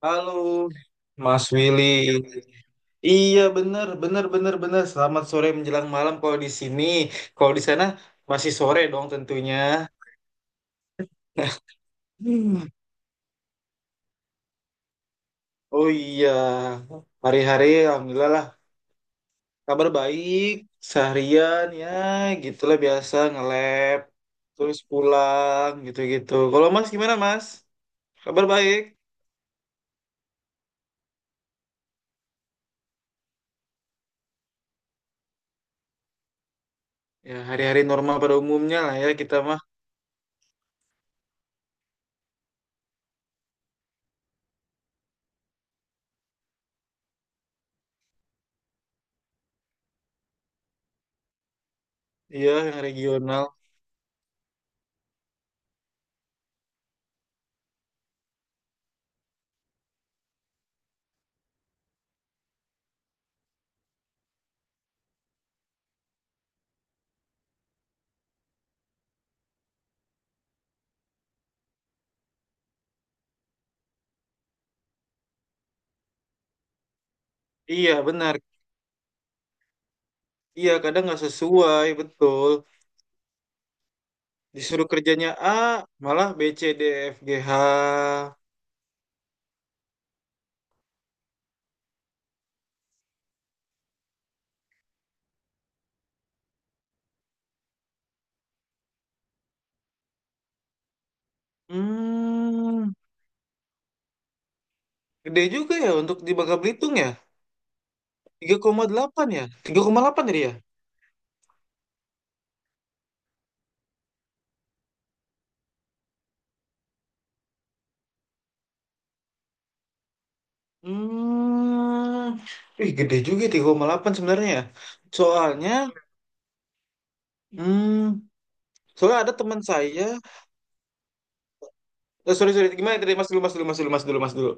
Halo, Mas Willy. Iya, bener, bener, bener, bener. Selamat sore menjelang malam kalau di sini. Kalau di sana masih sore dong tentunya. Hmm. Oh iya, hari-hari alhamdulillah lah. Kabar baik, seharian ya gitulah biasa nge-lab, terus pulang gitu-gitu. Kalau Mas gimana, Mas? Kabar baik? Ya hari-hari normal pada umumnya lah ya kita mah. Iya, yang regional. Iya, benar. Iya, kadang nggak sesuai, betul. Disuruh kerjanya A, malah B, C, D, F, G, H. Hmm, gede juga ya untuk di Bangka Belitung ya. 3,8 ya? 3,8 tadi ya? Hmm, Ih, gede juga ya 3,8 sebenarnya ya. Soalnya, hmm, soalnya ada teman saya. Sorry, sorry, gimana tadi? Mas dulu, mas dulu, mas dulu, mas dulu, mas dulu.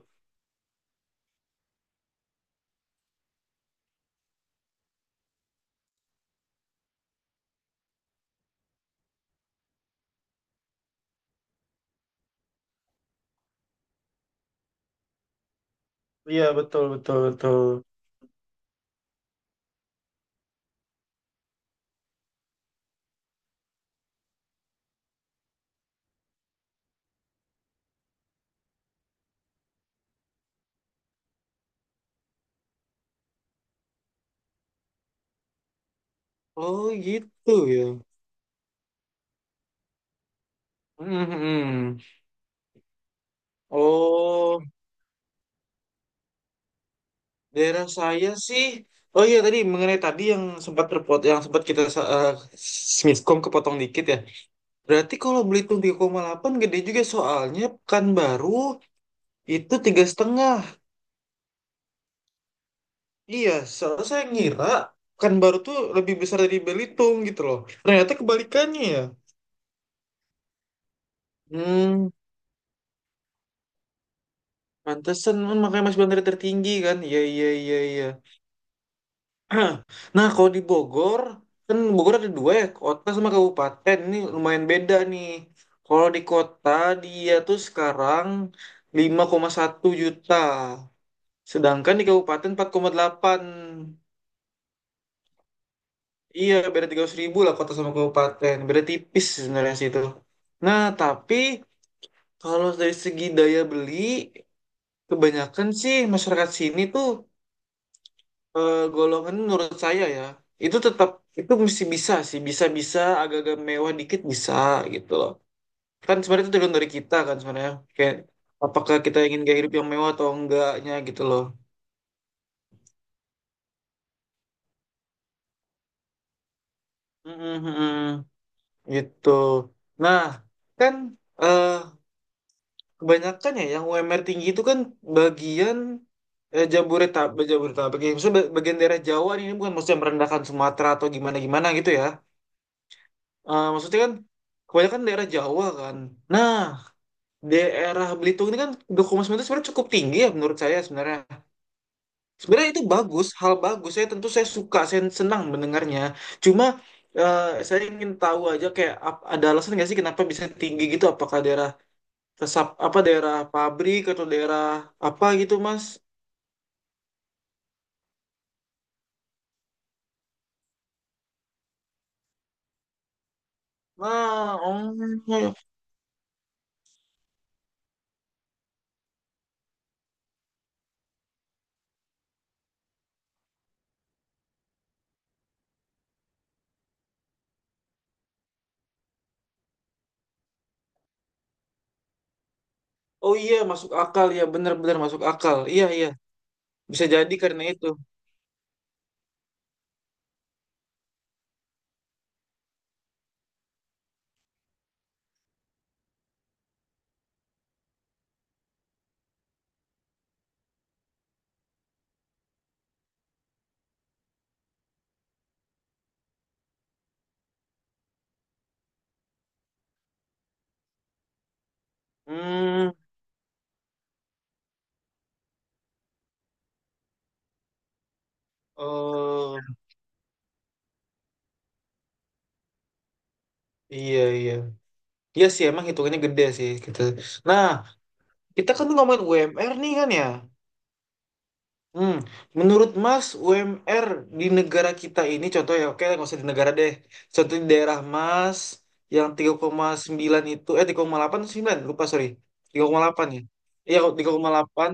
Iya, betul, betul, betul. Oh gitu ya. Hmm, hmm, hmm. Oh. Daerah saya sih. Oh iya, tadi mengenai tadi yang sempat kita eh, miskom, kepotong dikit ya. Berarti kalau Belitung 3,8 gede juga, soalnya Pekanbaru itu tiga setengah. Iya, soalnya saya ngira Pekanbaru tuh lebih besar dari Belitung gitu loh. Ternyata kebalikannya ya. Hmm, Pantesan, makanya Mas Bandar tertinggi kan? Iya iya iya iya. Nah, kalau di Bogor, kan Bogor ada dua ya, kota sama kabupaten. Ini lumayan beda nih. Kalau di kota, dia tuh sekarang 5,1 juta. Sedangkan di kabupaten 4,8. Iya, beda 300 ribu lah kota sama kabupaten. Beda tipis sebenarnya sih itu. Nah, tapi kalau dari segi daya beli, kebanyakan sih masyarakat sini tuh, golongan menurut saya ya itu tetap, itu mesti bisa sih, bisa-bisa agak-agak mewah dikit bisa, gitu loh. Kan sebenarnya itu tergantung dari kita, kan sebenarnya kayak apakah kita ingin gaya hidup yang mewah atau enggaknya gitu loh. Mm-mm-mm. Gitu. Nah, kan eh kebanyakan ya yang UMR tinggi itu kan bagian, Jabodetabek, Jabodetabek ya. Maksudnya bagian daerah Jawa nih, ini bukan maksudnya merendahkan Sumatera atau gimana-gimana gitu ya. Maksudnya kan kebanyakan daerah Jawa kan. Nah, daerah Belitung ini kan dukungan itu sebenarnya cukup tinggi ya menurut saya sebenarnya. Sebenarnya itu bagus, hal bagus. Saya tentu saya suka, saya senang mendengarnya. Cuma saya ingin tahu aja, kayak ada alasan nggak sih kenapa bisa tinggi gitu? Apakah daerah resap apa daerah pabrik atau daerah apa gitu, Mas? Nah, oh, oh iya, masuk akal ya, benar-benar masuk akal. Iya iya, bisa jadi karena itu. Hmm. Oh. Iya, iya. Iya sih, emang hitungannya gede sih gitu. Nah, kita kan ngomongin UMR nih kan ya. Hmm, Menurut Mas, UMR di negara kita ini, contoh ya, oke nggak usah di negara deh. Contoh di daerah Mas, yang 3,9 itu, eh, 3,8 atau sembilan, lupa sorry. 3,8 ya. Iya, kok, 3,8.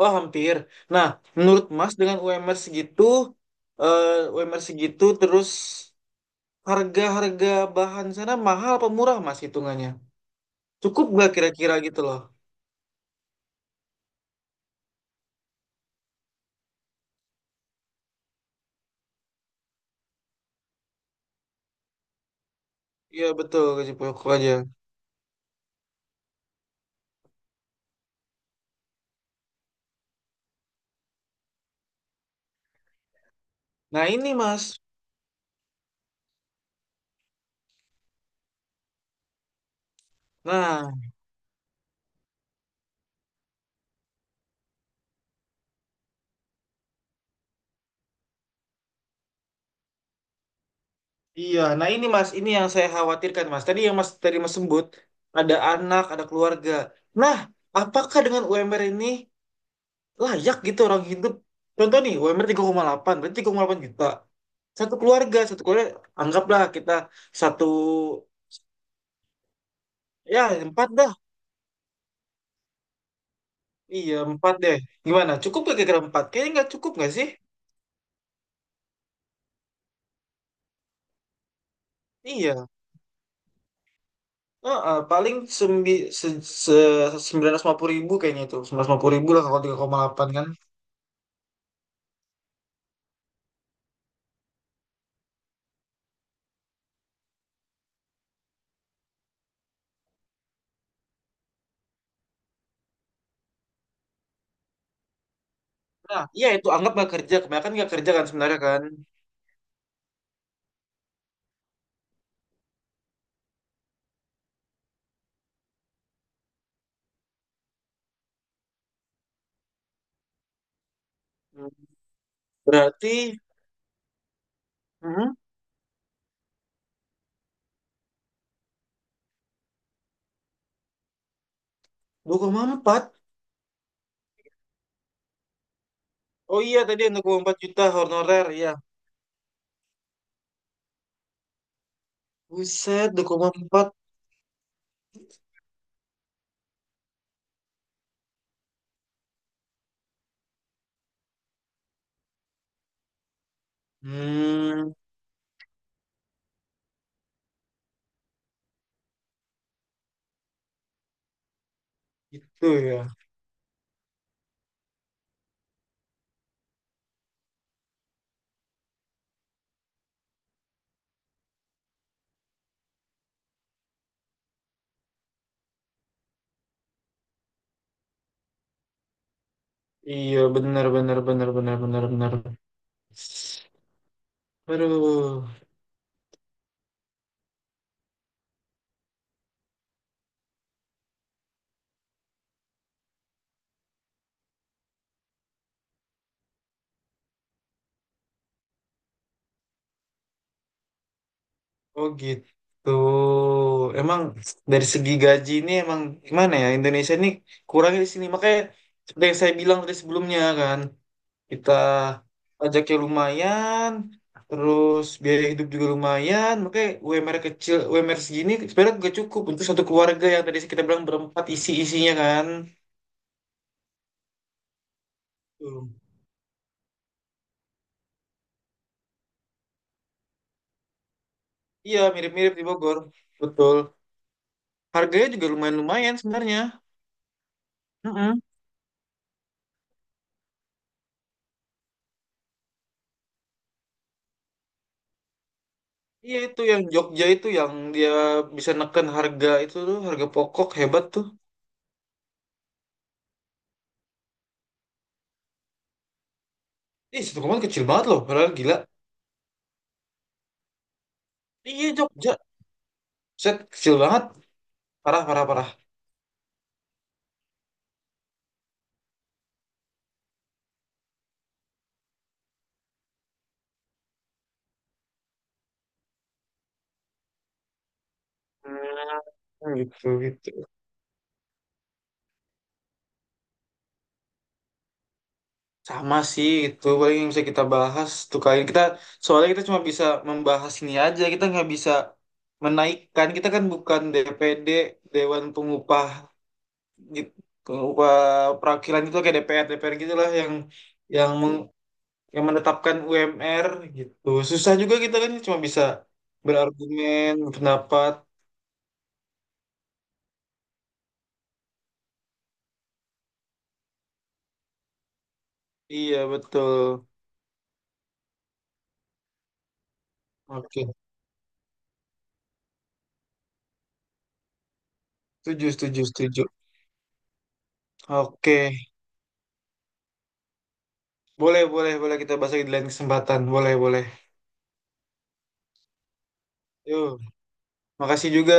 Wah, hampir. Nah, menurut Mas dengan UMR segitu, eh, UMR segitu, terus harga-harga bahan sana mahal apa murah Mas hitungannya? Cukup nggak kira-kira gitu loh? Iya betul, gaji pokok aja. Nah ini mas, nah iya, nah ini mas, ini yang saya khawatirkan, mas. Tadi yang mas tadi mas sebut ada anak, ada keluarga. Nah, apakah dengan UMR ini layak gitu orang hidup? Contoh nih, UMR delapan berarti 3,8 juta. Satu keluarga, anggaplah kita satu, ya empat dah. Iya, empat deh. Gimana? Cukup gak kira-kira empat? Kayaknya nggak cukup nggak sih? Iya. Heeh, paling sembi, se, se, 950 ribu kayaknya itu. 950 ribu lah kalau 3,8 kan. Nah, iya itu anggap nggak kerja. Kebanyakan nggak kerja kan sebenarnya kan. Hmm. Berarti hmm, 2,4. Oh iya, tadi yang 2,4 juta honorer. Iya. Buset 2,4. Hmm, Gitu ya. Iya benar benar benar benar benar benar. Aduh. Oh gitu. Emang dari segi gaji ini, emang gimana ya Indonesia ini kurangnya di sini, makanya seperti yang saya bilang tadi sebelumnya kan kita pajaknya lumayan, terus biaya hidup juga lumayan, makanya UMR kecil, UMR segini sebenarnya gak cukup untuk satu keluarga yang tadi kita bilang berempat isi-isinya kan. Betul. Iya mirip-mirip di Bogor, betul. Harganya juga lumayan-lumayan sebenarnya. Mm-mm. Iya itu yang Jogja itu yang dia bisa neken harga itu tuh, harga pokok hebat tuh. Ih, satu koma kecil banget loh, padahal gila. Iya Jogja, set kecil banget, parah parah parah. Hmm, Gitu gitu. Sama sih, itu paling yang bisa kita bahas tuh kali ini. Kita soalnya kita cuma bisa membahas ini aja, kita nggak bisa menaikkan, kita kan bukan DPD, Dewan Pengupah gitu, pengupah perwakilan itu kayak DPR DPR gitulah yang meng yang menetapkan UMR gitu. Susah juga, kita kan cuma bisa berargumen, pendapat. Iya, betul. Oke. Setuju, setuju, setuju. Oke. Boleh, boleh, boleh kita bahas lagi di lain kesempatan. Boleh, boleh. Yuk, makasih juga.